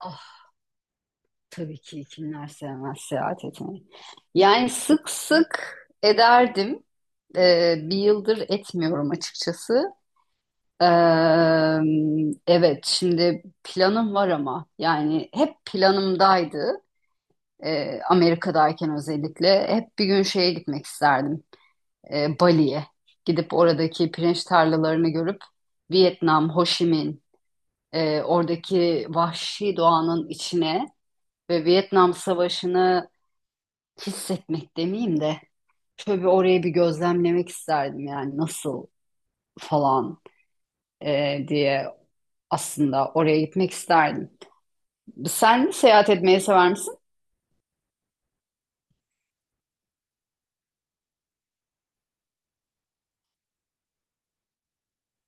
Ah, tabii ki kimler sevmez seyahat etmeyi. Yani sık sık ederdim. Bir yıldır etmiyorum açıkçası. Ee, evet, şimdi planım var ama yani hep planımdaydı. Amerika'dayken özellikle hep bir gün şeye gitmek isterdim. Bali'ye gidip oradaki pirinç tarlalarını görüp Vietnam, Ho Chi Minh, oradaki vahşi doğanın içine ve Vietnam Savaşı'nı hissetmek demeyeyim de şöyle bir orayı bir gözlemlemek isterdim, yani nasıl falan diye aslında oraya gitmek isterdim. Sen seyahat etmeyi sever misin?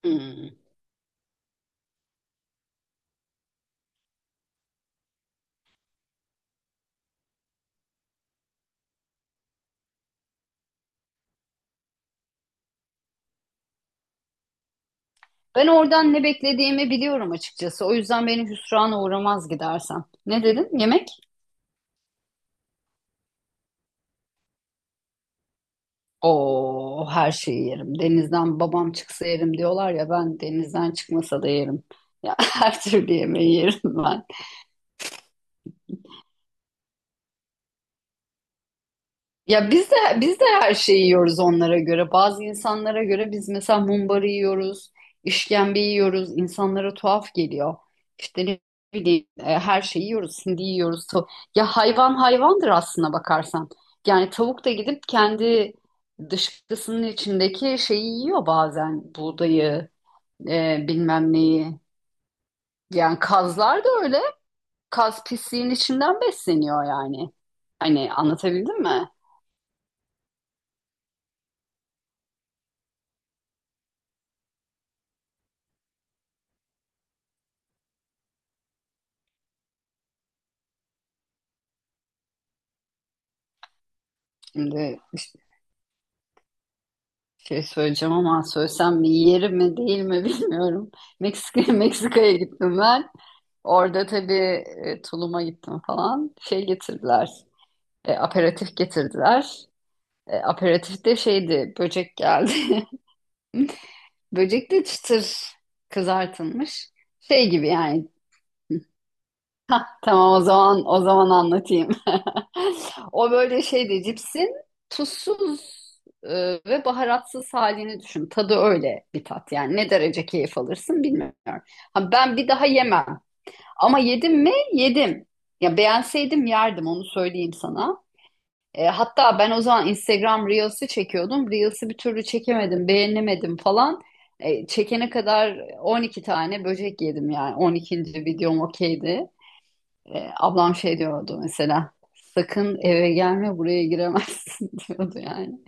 Hmm. Ben oradan ne beklediğimi biliyorum açıkçası. O yüzden beni hüsrana uğramaz gidersem. Ne dedin? Yemek? Oo, her şeyi yerim. Denizden babam çıksa yerim diyorlar ya, ben denizden çıkmasa da yerim. Ya, her türlü yemeği yerim ben. Ya biz de her şeyi yiyoruz onlara göre. Bazı insanlara göre biz mesela mumbarı yiyoruz, işkembe yiyoruz. İnsanlara tuhaf geliyor. İşte ne bileyim her şeyi yiyoruz, hindi yiyoruz. Ya, hayvan hayvandır aslına bakarsan. Yani tavuk da gidip kendi dışkısının içindeki şeyi yiyor bazen. Buğdayı, bilmem neyi. Yani kazlar da öyle. Kaz pisliğin içinden besleniyor yani. Hani anlatabildim mi? Şimdi Şey söyleyeceğim ama söylesem mi yerim mi değil mi bilmiyorum. Meksika'ya gittim ben. Orada tabii tuluma gittim falan. Şey getirdiler. Aperatif getirdiler. Aperatif de şeydi, böcek geldi. Böcek de çıtır kızartılmış. Şey gibi yani. Tamam, o zaman anlatayım. O böyle şeydi, cipsin tuzsuz e, ve baharatsız halini düşün. Tadı öyle bir tat yani. Ne derece keyif alırsın bilmiyorum. Ha, ben bir daha yemem. Ama yedim mi? Yedim. Ya beğenseydim yerdim, onu söyleyeyim sana. Hatta ben o zaman Instagram Reels'i çekiyordum. Reels'i bir türlü çekemedim, beğenemedim falan. Çekene kadar 12 tane böcek yedim yani. 12. videom okeydi. Ablam şey diyordu mesela. Sakın eve gelme, buraya giremezsin diyordu yani.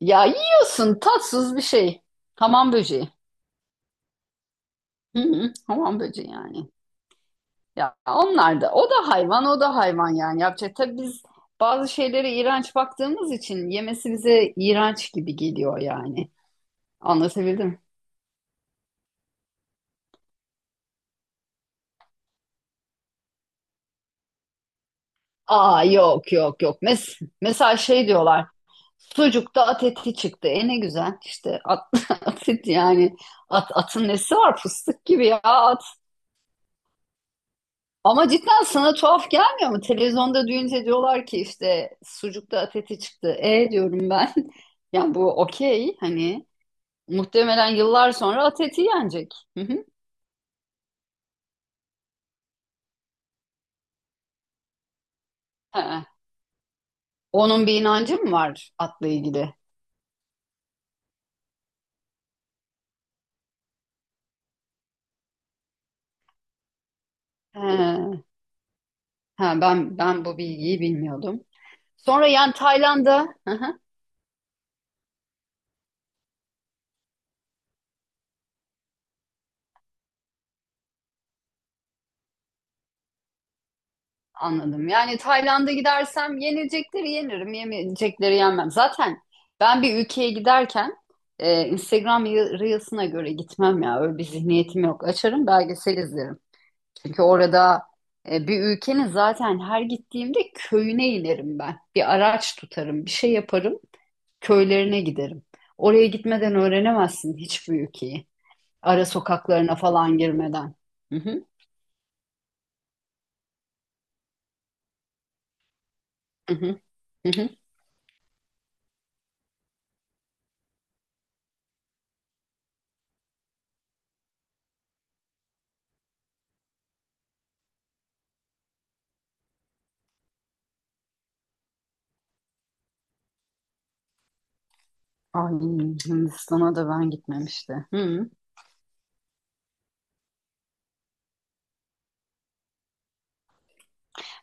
Ya, yiyorsun tatsız bir şey. Hamam böceği. Hı hı, hamam böceği yani. Ya onlar da, o da hayvan, o da hayvan, yani yapacak. Tabii biz bazı şeylere iğrenç baktığımız için yemesi bize iğrenç gibi geliyor yani. Anlatabildim. Aa, yok, yok, yok. Mesela şey diyorlar. Sucukta at eti çıktı. E ne güzel işte at, at eti yani. At, atın nesi var, fıstık gibi ya at. Ama cidden sana tuhaf gelmiyor mu? Televizyonda duyunca diyorlar ki işte sucukta at eti çıktı. E diyorum ben. Yani bu okey, hani muhtemelen yıllar sonra at eti yenecek. Hı hı. He. Onun bir inancı mı var atla ilgili? He. He, ben bu bilgiyi bilmiyordum. Sonra yani Tayland'a. Hı hı, anladım. Yani Tayland'a gidersem yenilecekleri yenirim, yemeyecekleri yenmem. Zaten ben bir ülkeye giderken Instagram Reels'ına göre gitmem ya. Öyle bir zihniyetim yok. Açarım, belgesel izlerim. Çünkü orada bir ülkenin zaten her gittiğimde köyüne inerim ben. Bir araç tutarım, bir şey yaparım, köylerine giderim. Oraya gitmeden öğrenemezsin hiçbir ülkeyi. Ara sokaklarına falan girmeden. Hı hı, hı hı, hı hı. Ay, Hindistan'a da ben gitmemişti. Hı.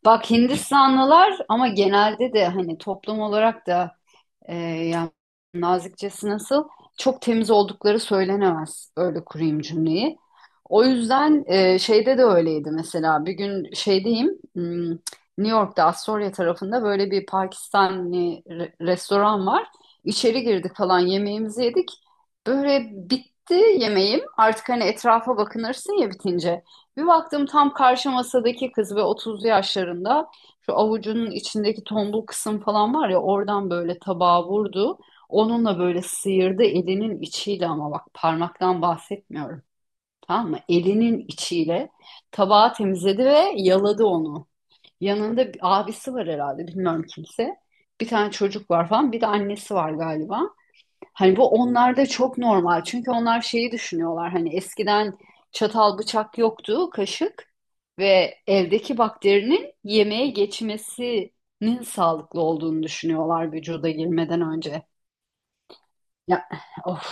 Bak, Hindistanlılar ama genelde de hani toplum olarak da yani nazikçesi nasıl? Çok temiz oldukları söylenemez. Öyle kurayım cümleyi. O yüzden şeyde de öyleydi mesela. Bir gün şeydeyim, New York'ta Astoria tarafında böyle bir Pakistanlı restoran var. İçeri girdik falan, yemeğimizi yedik. Böyle bitti yemeğim. Artık hani etrafa bakınırsın ya bitince. Bir baktım tam karşı masadaki kız ve 30'lu yaşlarında. Şu avucunun içindeki tombul kısım falan var ya oradan böyle tabağa vurdu. Onunla böyle sıyırdı elinin içiyle, ama bak, parmaktan bahsetmiyorum. Tamam mı? Elinin içiyle tabağı temizledi ve yaladı onu. Yanında bir abisi var herhalde, bilmiyorum kimse. Bir tane çocuk var falan, bir de annesi var galiba. Hani bu onlarda çok normal. Çünkü onlar şeyi düşünüyorlar. Hani eskiden çatal bıçak yoktu, kaşık ve evdeki bakterinin yemeğe geçmesinin sağlıklı olduğunu düşünüyorlar vücuda girmeden önce. Ya, of,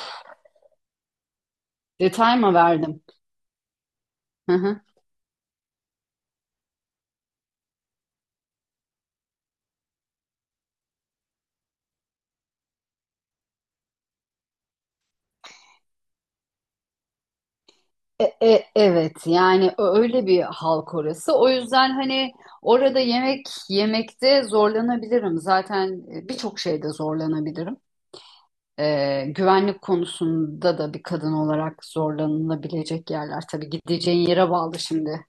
detay mı verdim? Hı hı. Evet, yani öyle bir halk orası. O yüzden hani orada yemek yemekte zorlanabilirim. Zaten birçok şeyde zorlanabilirim. Güvenlik konusunda da bir kadın olarak zorlanılabilecek yerler. Tabii gideceğin yere bağlı şimdi.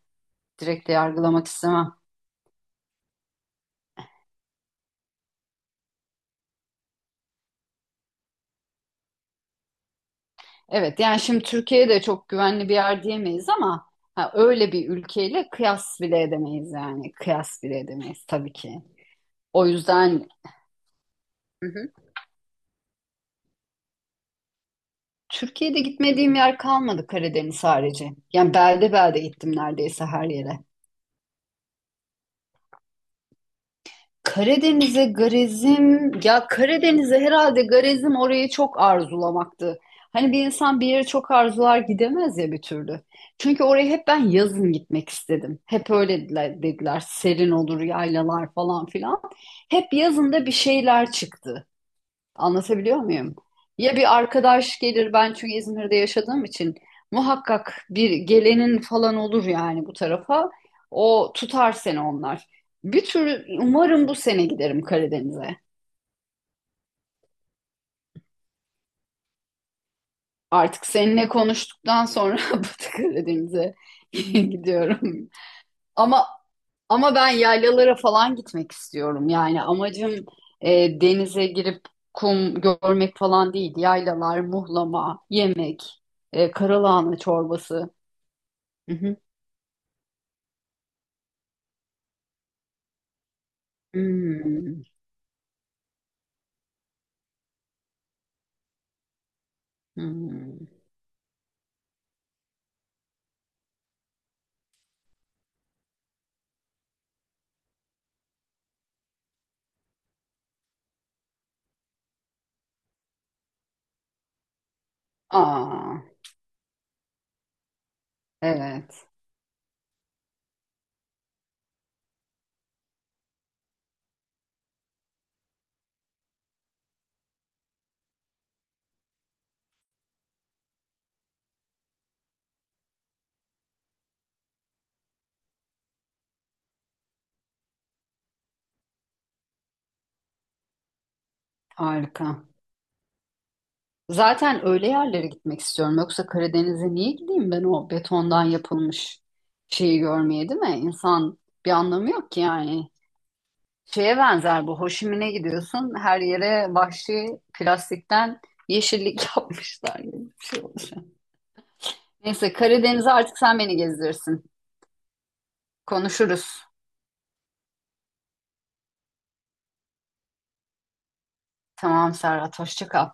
Direkt de yargılamak istemem. Evet, yani şimdi Türkiye de çok güvenli bir yer diyemeyiz ama ha, öyle bir ülkeyle kıyas bile edemeyiz yani. Kıyas bile edemeyiz tabii ki. O yüzden. Hı hı. Türkiye'de gitmediğim yer kalmadı Karadeniz harici. Yani belde belde gittim neredeyse her yere. Karadeniz'e garezim, ya Karadeniz'e herhalde garezim orayı çok arzulamaktı. Hani bir insan bir yere çok arzular gidemez ya bir türlü. Çünkü oraya hep ben yazın gitmek istedim. Hep öyle dediler, dediler serin olur yaylalar falan filan. Hep yazında bir şeyler çıktı. Anlatabiliyor muyum? Ya bir arkadaş gelir, ben çünkü İzmir'de yaşadığım için muhakkak bir gelenin falan olur yani bu tarafa. O tutar seni onlar. Bir tür umarım bu sene giderim Karadeniz'e. Artık seninle konuştuktan sonra Batı Karadeniz'e gidiyorum. Ama Ama ben yaylalara falan gitmek istiyorum. Yani amacım denize girip kum görmek falan değil. Yaylalar, muhlama, yemek, karalahana çorbası. Hı hı. Hmm, hmm. Aa, evet, harika. Zaten öyle yerlere gitmek istiyorum. Yoksa Karadeniz'e niye gideyim ben o betondan yapılmış şeyi görmeye, değil mi? İnsan bir anlamı yok ki yani. Şeye benzer bu. Hoşimine gidiyorsun. Her yere vahşi plastikten yeşillik yapmışlar gibi bir şey olacak. Neyse Karadeniz'e artık sen beni gezdirirsin. Konuşuruz. Tamam Serhat. Hoşça kal.